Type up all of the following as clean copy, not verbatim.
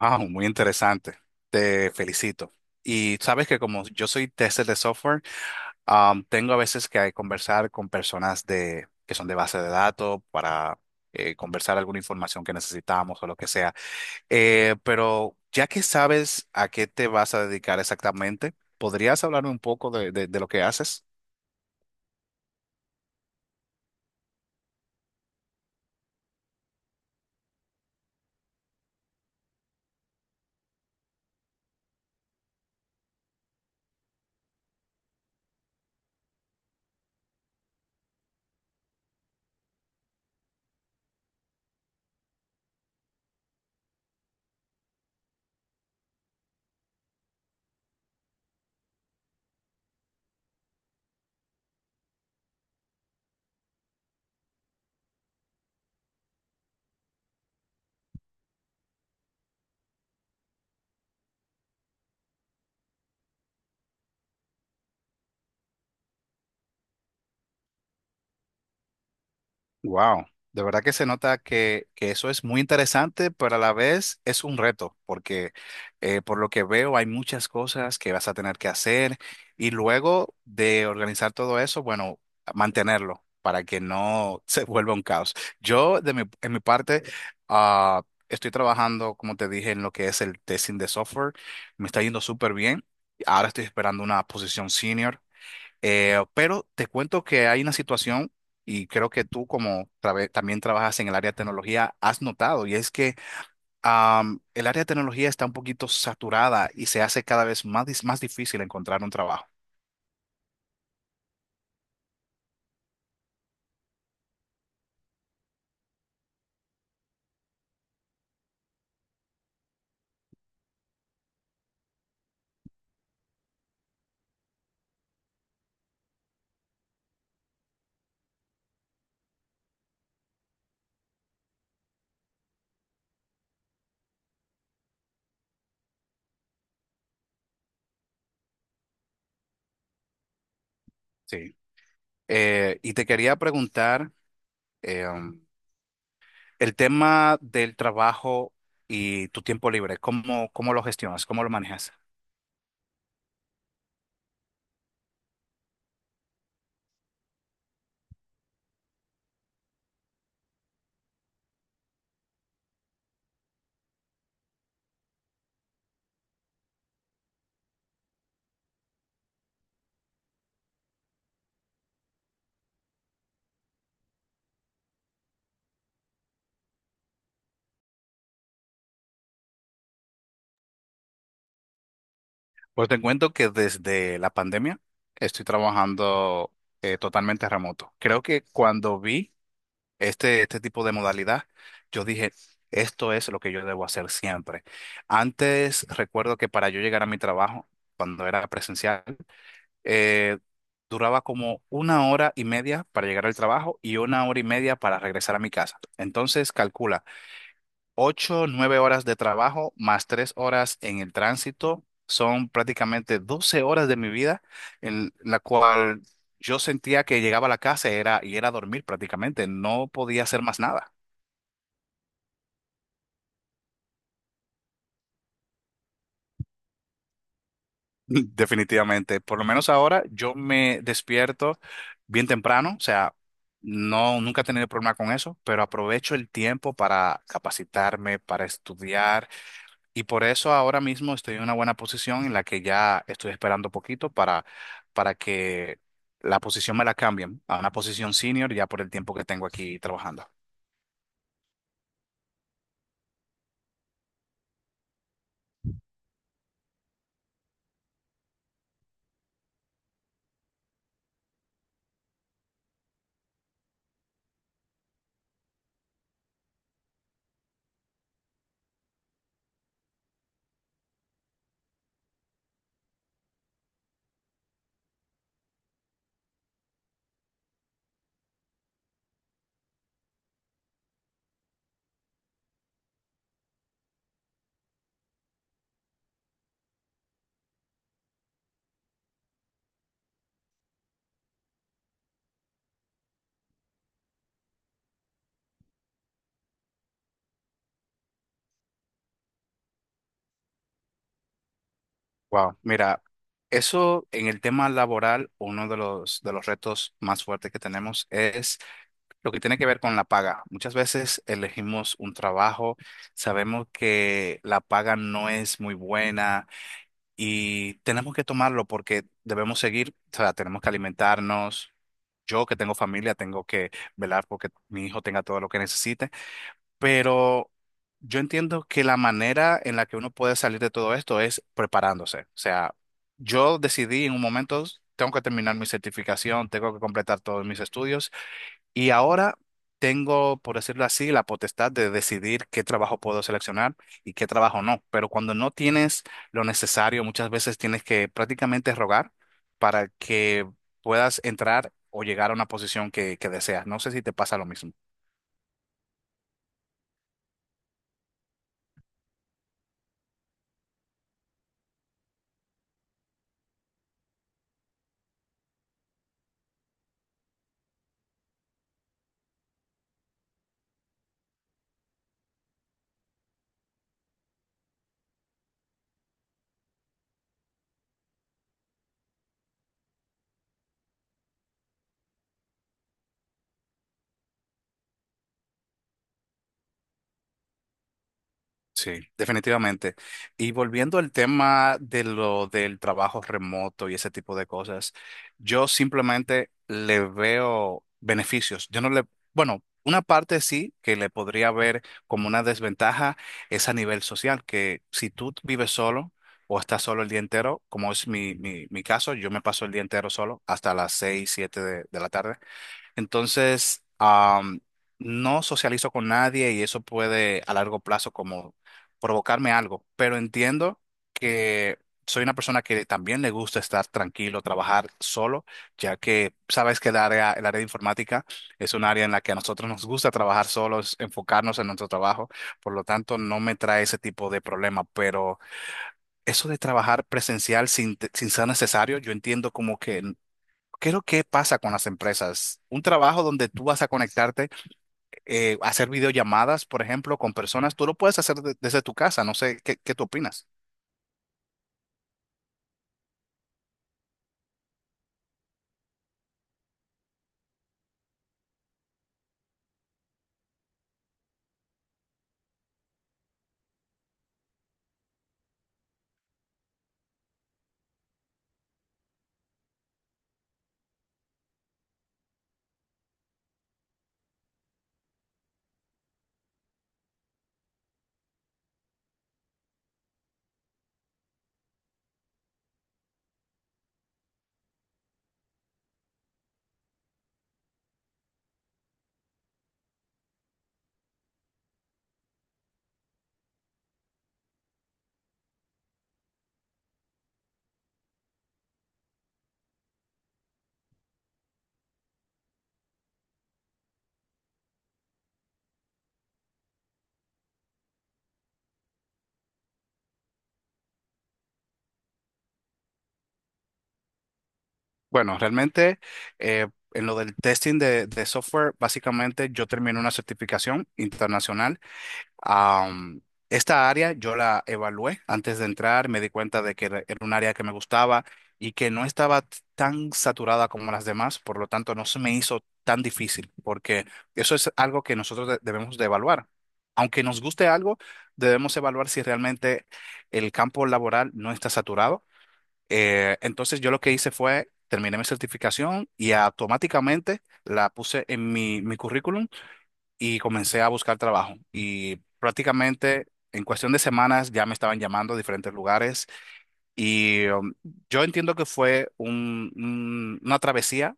Ah, muy interesante. Te felicito. Y sabes que como yo soy tester de software, tengo a veces que conversar con personas que son de base de datos para conversar alguna información que necesitamos o lo que sea. Pero ya que sabes a qué te vas a dedicar exactamente, ¿podrías hablarme un poco de lo que haces? Wow, de verdad que se nota que eso es muy interesante, pero a la vez es un reto, porque por lo que veo hay muchas cosas que vas a tener que hacer y luego de organizar todo eso, bueno, mantenerlo para que no se vuelva un caos. Yo, en mi parte, ah, estoy trabajando, como te dije, en lo que es el testing de software, me está yendo súper bien. Ahora estoy esperando una posición senior. Pero te cuento que hay una situación y creo que tú como también trabajas en el área de tecnología has notado y es que el área de tecnología está un poquito saturada y se hace cada vez más difícil encontrar un trabajo. Sí. Y te quería preguntar em, el tema del trabajo y tu tiempo libre, cómo lo gestionas? ¿Cómo lo manejas? Pues te cuento que desde la pandemia estoy trabajando totalmente remoto. Creo que cuando vi este tipo de modalidad, yo dije, esto es lo que yo debo hacer siempre. Antes, recuerdo que para yo llegar a mi trabajo, cuando era presencial, eh, duraba como una hora y media para llegar al trabajo y una hora y media para regresar a mi casa. Entonces, calcula, ocho, nueve horas de trabajo más tres horas en el tránsito. Son prácticamente 12 horas de mi vida en la cual yo sentía que llegaba a la casa y y era dormir prácticamente, no podía hacer más nada. Definitivamente. Por lo menos ahora yo me despierto bien temprano, o sea, no, nunca he tenido problema con eso, pero aprovecho el tiempo para capacitarme, para estudiar y por eso ahora mismo estoy en una buena posición en la que ya estoy esperando poquito para que la posición me la cambien a una posición senior ya por el tiempo que tengo aquí trabajando. Wow, mira, eso en el tema laboral, uno de los retos más fuertes que tenemos es lo que tiene que ver con la paga. Muchas veces elegimos un trabajo, sabemos que la paga no es muy buena y tenemos que tomarlo porque debemos seguir, o sea, tenemos que alimentarnos. Yo que tengo familia, tengo que velar porque mi hijo tenga todo lo que necesite, pero yo entiendo que la manera en la que uno puede salir de todo esto es preparándose. O sea, yo decidí en un momento, tengo que terminar mi certificación, tengo que completar todos mis estudios. Y ahora tengo, por decirlo así, la potestad de decidir qué trabajo puedo seleccionar y qué trabajo no. Pero cuando no tienes lo necesario, muchas veces tienes que prácticamente rogar para que puedas entrar o llegar a una posición que deseas. No sé si te pasa lo mismo. Sí, definitivamente. Y volviendo al tema de lo del trabajo remoto y ese tipo de cosas, yo simplemente le veo beneficios. Yo no le, bueno, una parte sí que le podría ver como una desventaja es a nivel social, que si tú vives solo o estás solo el día entero, como es mi caso, yo me paso el día entero solo hasta las seis, siete de la tarde. Entonces, no socializo con nadie y eso puede a largo plazo como provocarme algo, pero entiendo que soy una persona que también le gusta estar tranquilo, trabajar solo, ya que sabes que el área de informática es un área en la que a nosotros nos gusta trabajar solos, enfocarnos en nuestro trabajo, por lo tanto no me trae ese tipo de problema, pero eso de trabajar presencial sin ser necesario, yo entiendo como que ¿qué es lo que pasa con las empresas? Un trabajo donde tú vas a conectarte, hacer videollamadas, por ejemplo, con personas, tú lo puedes hacer desde tu casa. No sé, qué tú opinas? Bueno, realmente eh, en lo del testing de software, básicamente yo terminé una certificación internacional. Am, esta área yo la evalué antes de entrar, me di cuenta de que era un área que me gustaba y que no estaba tan saturada como las demás, por lo tanto no se me hizo tan difícil, porque eso es algo que nosotros debemos de evaluar. Aunque nos guste algo, debemos evaluar si realmente el campo laboral no está saturado. Entonces yo lo que hice fue, terminé mi certificación y automáticamente la puse en mi currículum y comencé a buscar trabajo. Y prácticamente en cuestión de semanas ya me estaban llamando a diferentes lugares y yo entiendo que fue una travesía,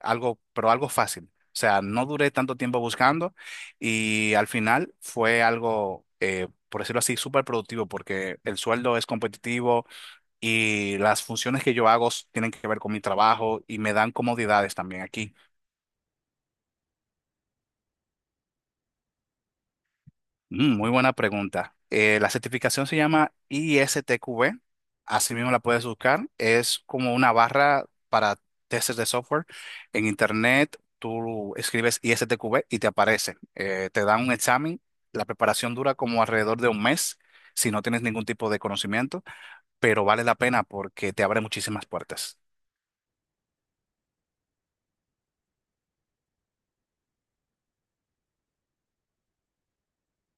algo, pero algo fácil. O sea, no duré tanto tiempo buscando y al final fue algo, por decirlo así, súper productivo porque el sueldo es competitivo y las funciones que yo hago tienen que ver con mi trabajo y me dan comodidades también aquí. Muy buena pregunta. La certificación se llama ISTQB, así mismo la puedes buscar. Es como una barra para testers de software. En internet tú escribes ISTQB y te aparece. Te dan un examen. La preparación dura como alrededor de un mes si no tienes ningún tipo de conocimiento, pero vale la pena porque te abre muchísimas puertas.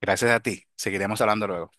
Gracias a ti. Seguiremos hablando luego.